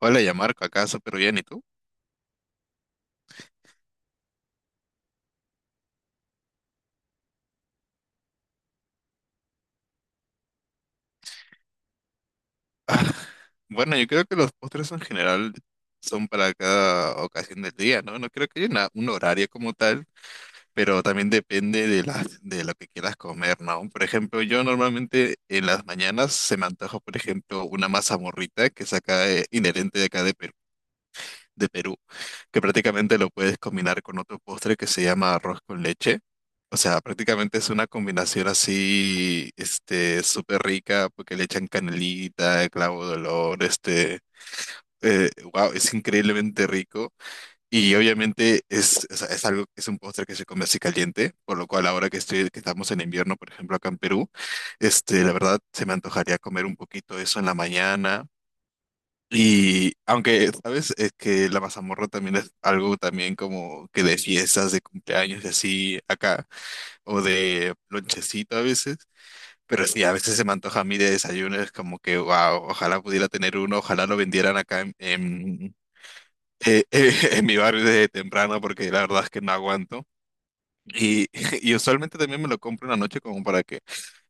Hola, ya Marco, acá súper bien, ¿y tú? Bueno, yo creo que los postres en general son para cada ocasión del día, ¿no? No creo que haya un horario como tal, pero también depende de de lo que quieras comer, ¿no? Por ejemplo, yo normalmente en las mañanas se me antoja, por ejemplo, una masa morrita que saca inherente de acá de Perú, que prácticamente lo puedes combinar con otro postre que se llama arroz con leche. O sea, prácticamente es una combinación así, súper rica, porque le echan canelita, clavo de olor, wow, es increíblemente rico. Y obviamente es algo, es un postre que se come así caliente, por lo cual ahora que estamos en invierno, por ejemplo, acá en Perú, la verdad se me antojaría comer un poquito de eso en la mañana. Y aunque, ¿sabes? Es que la mazamorra también es algo también como que de fiestas, de cumpleaños y así acá, o de lonchecito a veces. Pero sí, a veces se me antoja a mí de desayuno, es como que, wow, ojalá pudiera tener uno, ojalá lo vendieran acá eh, eh, en mi barrio desde temprano, porque la verdad es que no aguanto. Y, y usualmente también me lo compro una noche como para que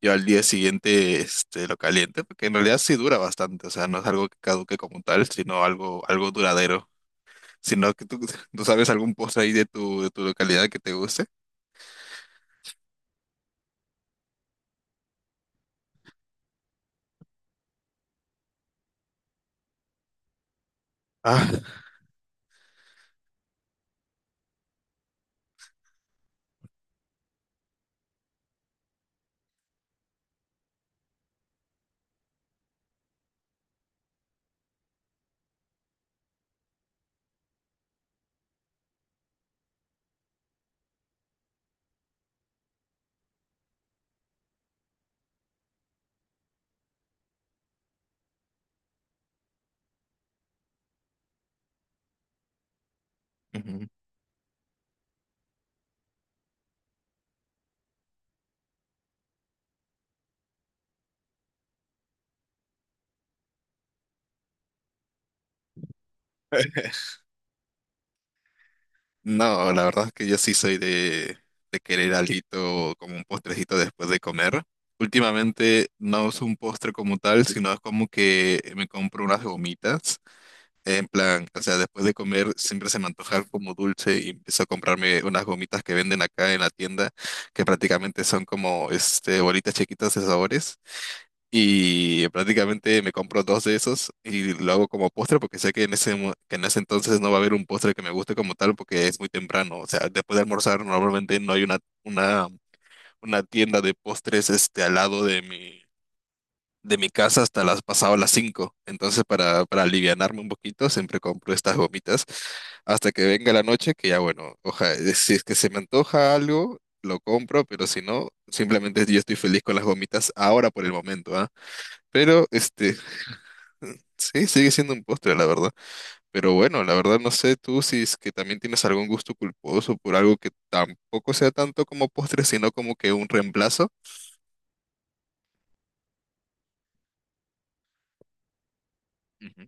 yo al día siguiente lo caliente, porque en realidad sí dura bastante, o sea, no es algo que caduque como tal, sino algo duradero. Si no, tú sabes algún postre ahí de de tu localidad que te guste. Ah. Ujú. No, la verdad es que yo sí de querer algo como un postrecito después de comer. Últimamente no uso un postre como tal, sino es como que me compro unas gomitas. En plan, o sea, después de comer siempre se me antoja algo como dulce y empiezo a comprarme unas gomitas que venden acá en la tienda, que prácticamente son como este bolitas chiquitas de sabores. Y prácticamente me compro dos de esos y lo hago como postre porque sé que en ese entonces no va a haber un postre que me guste como tal porque es muy temprano. O sea, después de almorzar normalmente no hay una, una tienda de postres al lado de de mi casa hasta las pasado las 5. Entonces para alivianarme un poquito siempre compro estas gomitas hasta que venga la noche que ya bueno, si es que se me antoja algo, lo compro, pero si no, simplemente yo estoy feliz con las gomitas ahora por el momento, ¿ah? Pero, sí, sigue siendo un postre, la verdad. Pero bueno, la verdad no sé tú si es que también tienes algún gusto culposo por algo que tampoco sea tanto como postre, sino como que un reemplazo. Ujú.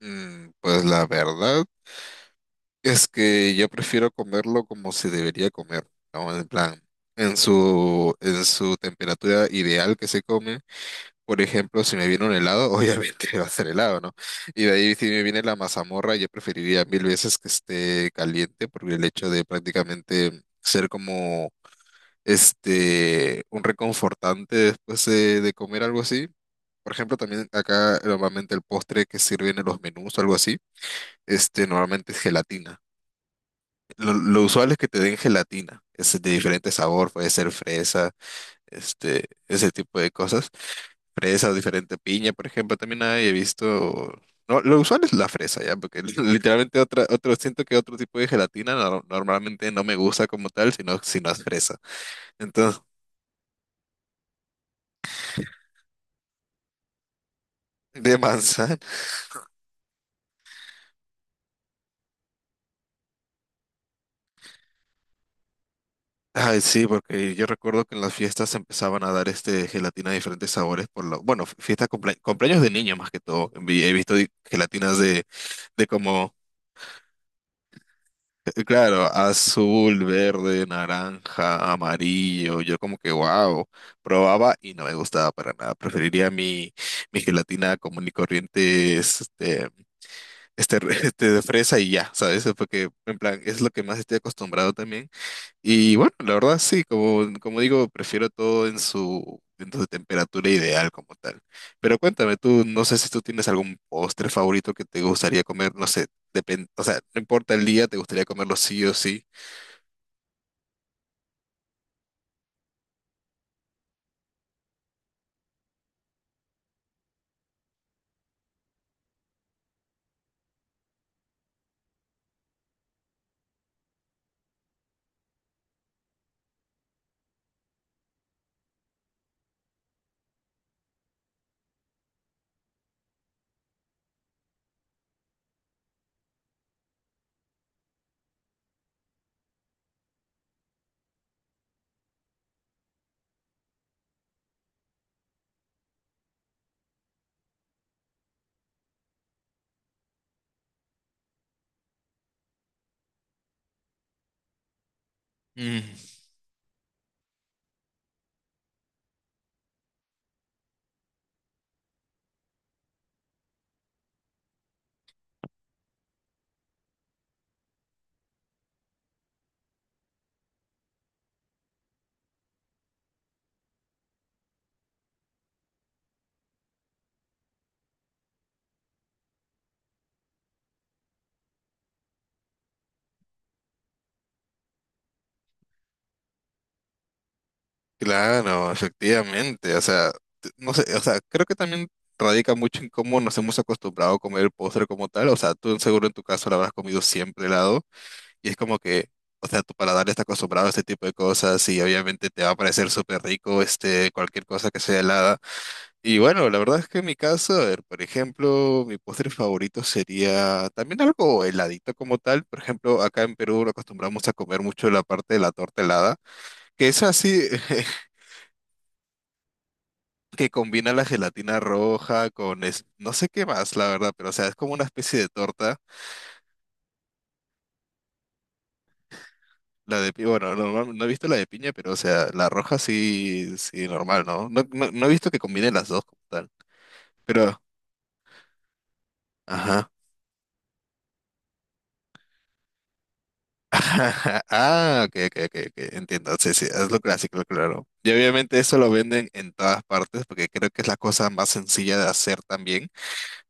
Pues la verdad es que yo prefiero comerlo como se debería comer, ¿no? En plan, en en su temperatura ideal que se come. Por ejemplo, si me viene un helado, obviamente va a ser helado, ¿no? Y de ahí si me viene la mazamorra, yo preferiría mil veces que esté caliente, porque el hecho de prácticamente ser como este un reconfortante después de comer algo así. Por ejemplo, también acá normalmente el postre que sirven en los menús o algo así, este normalmente es gelatina. Lo usual es que te den gelatina, es de diferente sabor, puede ser fresa, ese tipo de cosas. Fresa diferente piña, por ejemplo, también hay, he visto. No, lo usual es la fresa, ya, porque literalmente siento que otro tipo de gelatina normalmente no me gusta como tal, sino es fresa. Entonces, de manzana. Ay, sí, porque yo recuerdo que en las fiestas empezaban a dar este gelatina de diferentes sabores por lo, bueno, fiestas cumpleaños de niños más que todo. He visto gelatinas de como claro, azul, verde, naranja, amarillo. Yo como que, wow, probaba y no me gustaba para nada. Preferiría mi gelatina común y corriente, este de fresa y ya, ¿sabes? Porque en plan es lo que más estoy acostumbrado también. Y bueno, la verdad sí, como digo, prefiero todo en en su temperatura ideal como tal. Pero cuéntame tú, no sé si tú tienes algún postre favorito que te gustaría comer, no sé, depende, o sea, no importa el día, te gustaría comerlo sí o sí. Mm. Claro, efectivamente. O sea, no sé, o sea, creo que también radica mucho en cómo nos hemos acostumbrado a comer el postre como tal. O sea, tú seguro en tu caso lo habrás comido siempre helado y es como que, o sea, tu paladar está acostumbrado a este tipo de cosas y obviamente te va a parecer súper rico este cualquier cosa que sea helada. Y bueno, la verdad es que en mi caso, a ver, por ejemplo, mi postre favorito sería también algo heladito como tal. Por ejemplo, acá en Perú lo acostumbramos a comer mucho la parte de la torta helada. Que es así, que combina la gelatina roja con no sé qué más, la verdad, pero o sea, es como una especie de torta. La de piña, bueno, no he visto la de piña, pero o sea, la roja sí, sí, normal, ¿no? No, no he visto que combine las dos como tal. Pero, ajá. Ah, ok, ok, ok, ok, entiendo. Sí, sí, es lo clásico, claro. Y obviamente eso lo venden en todas partes porque creo que es la cosa más sencilla de hacer también.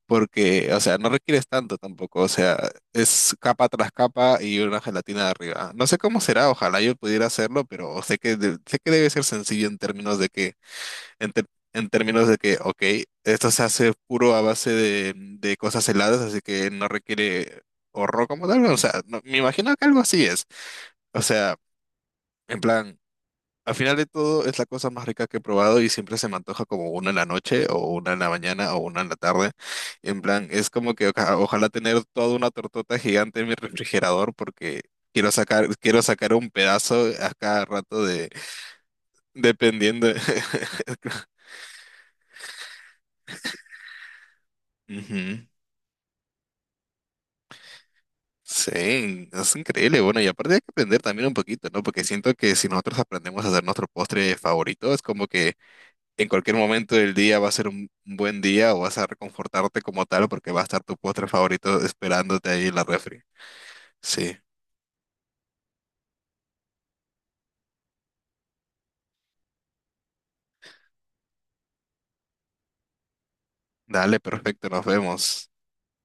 Porque, o sea, no requieres tanto tampoco, o sea, es capa tras capa y una gelatina de arriba. No sé cómo será, ojalá yo pudiera hacerlo, pero sé que, sé que debe ser sencillo en términos de que, en, ter- en términos de que, ok, esto se hace puro a base de cosas heladas, así que no requiere horror como tal, o sea, me imagino que algo así es, o sea, en plan... Al final de todo, es la cosa más rica que he probado y siempre se me antoja como una en la noche o una en la mañana o una en la tarde. En plan, es como que ojalá tener toda una tortota gigante en mi refrigerador porque quiero sacar un pedazo a cada rato de, dependiendo. Ujú. Sí, es increíble. Bueno, y aparte hay que aprender también un poquito, ¿no? Porque siento que si nosotros aprendemos a hacer nuestro postre favorito, es como que en cualquier momento del día va a ser un buen día o vas a reconfortarte como tal porque va a estar tu postre favorito esperándote ahí en la refri. Sí, dale, perfecto, nos vemos.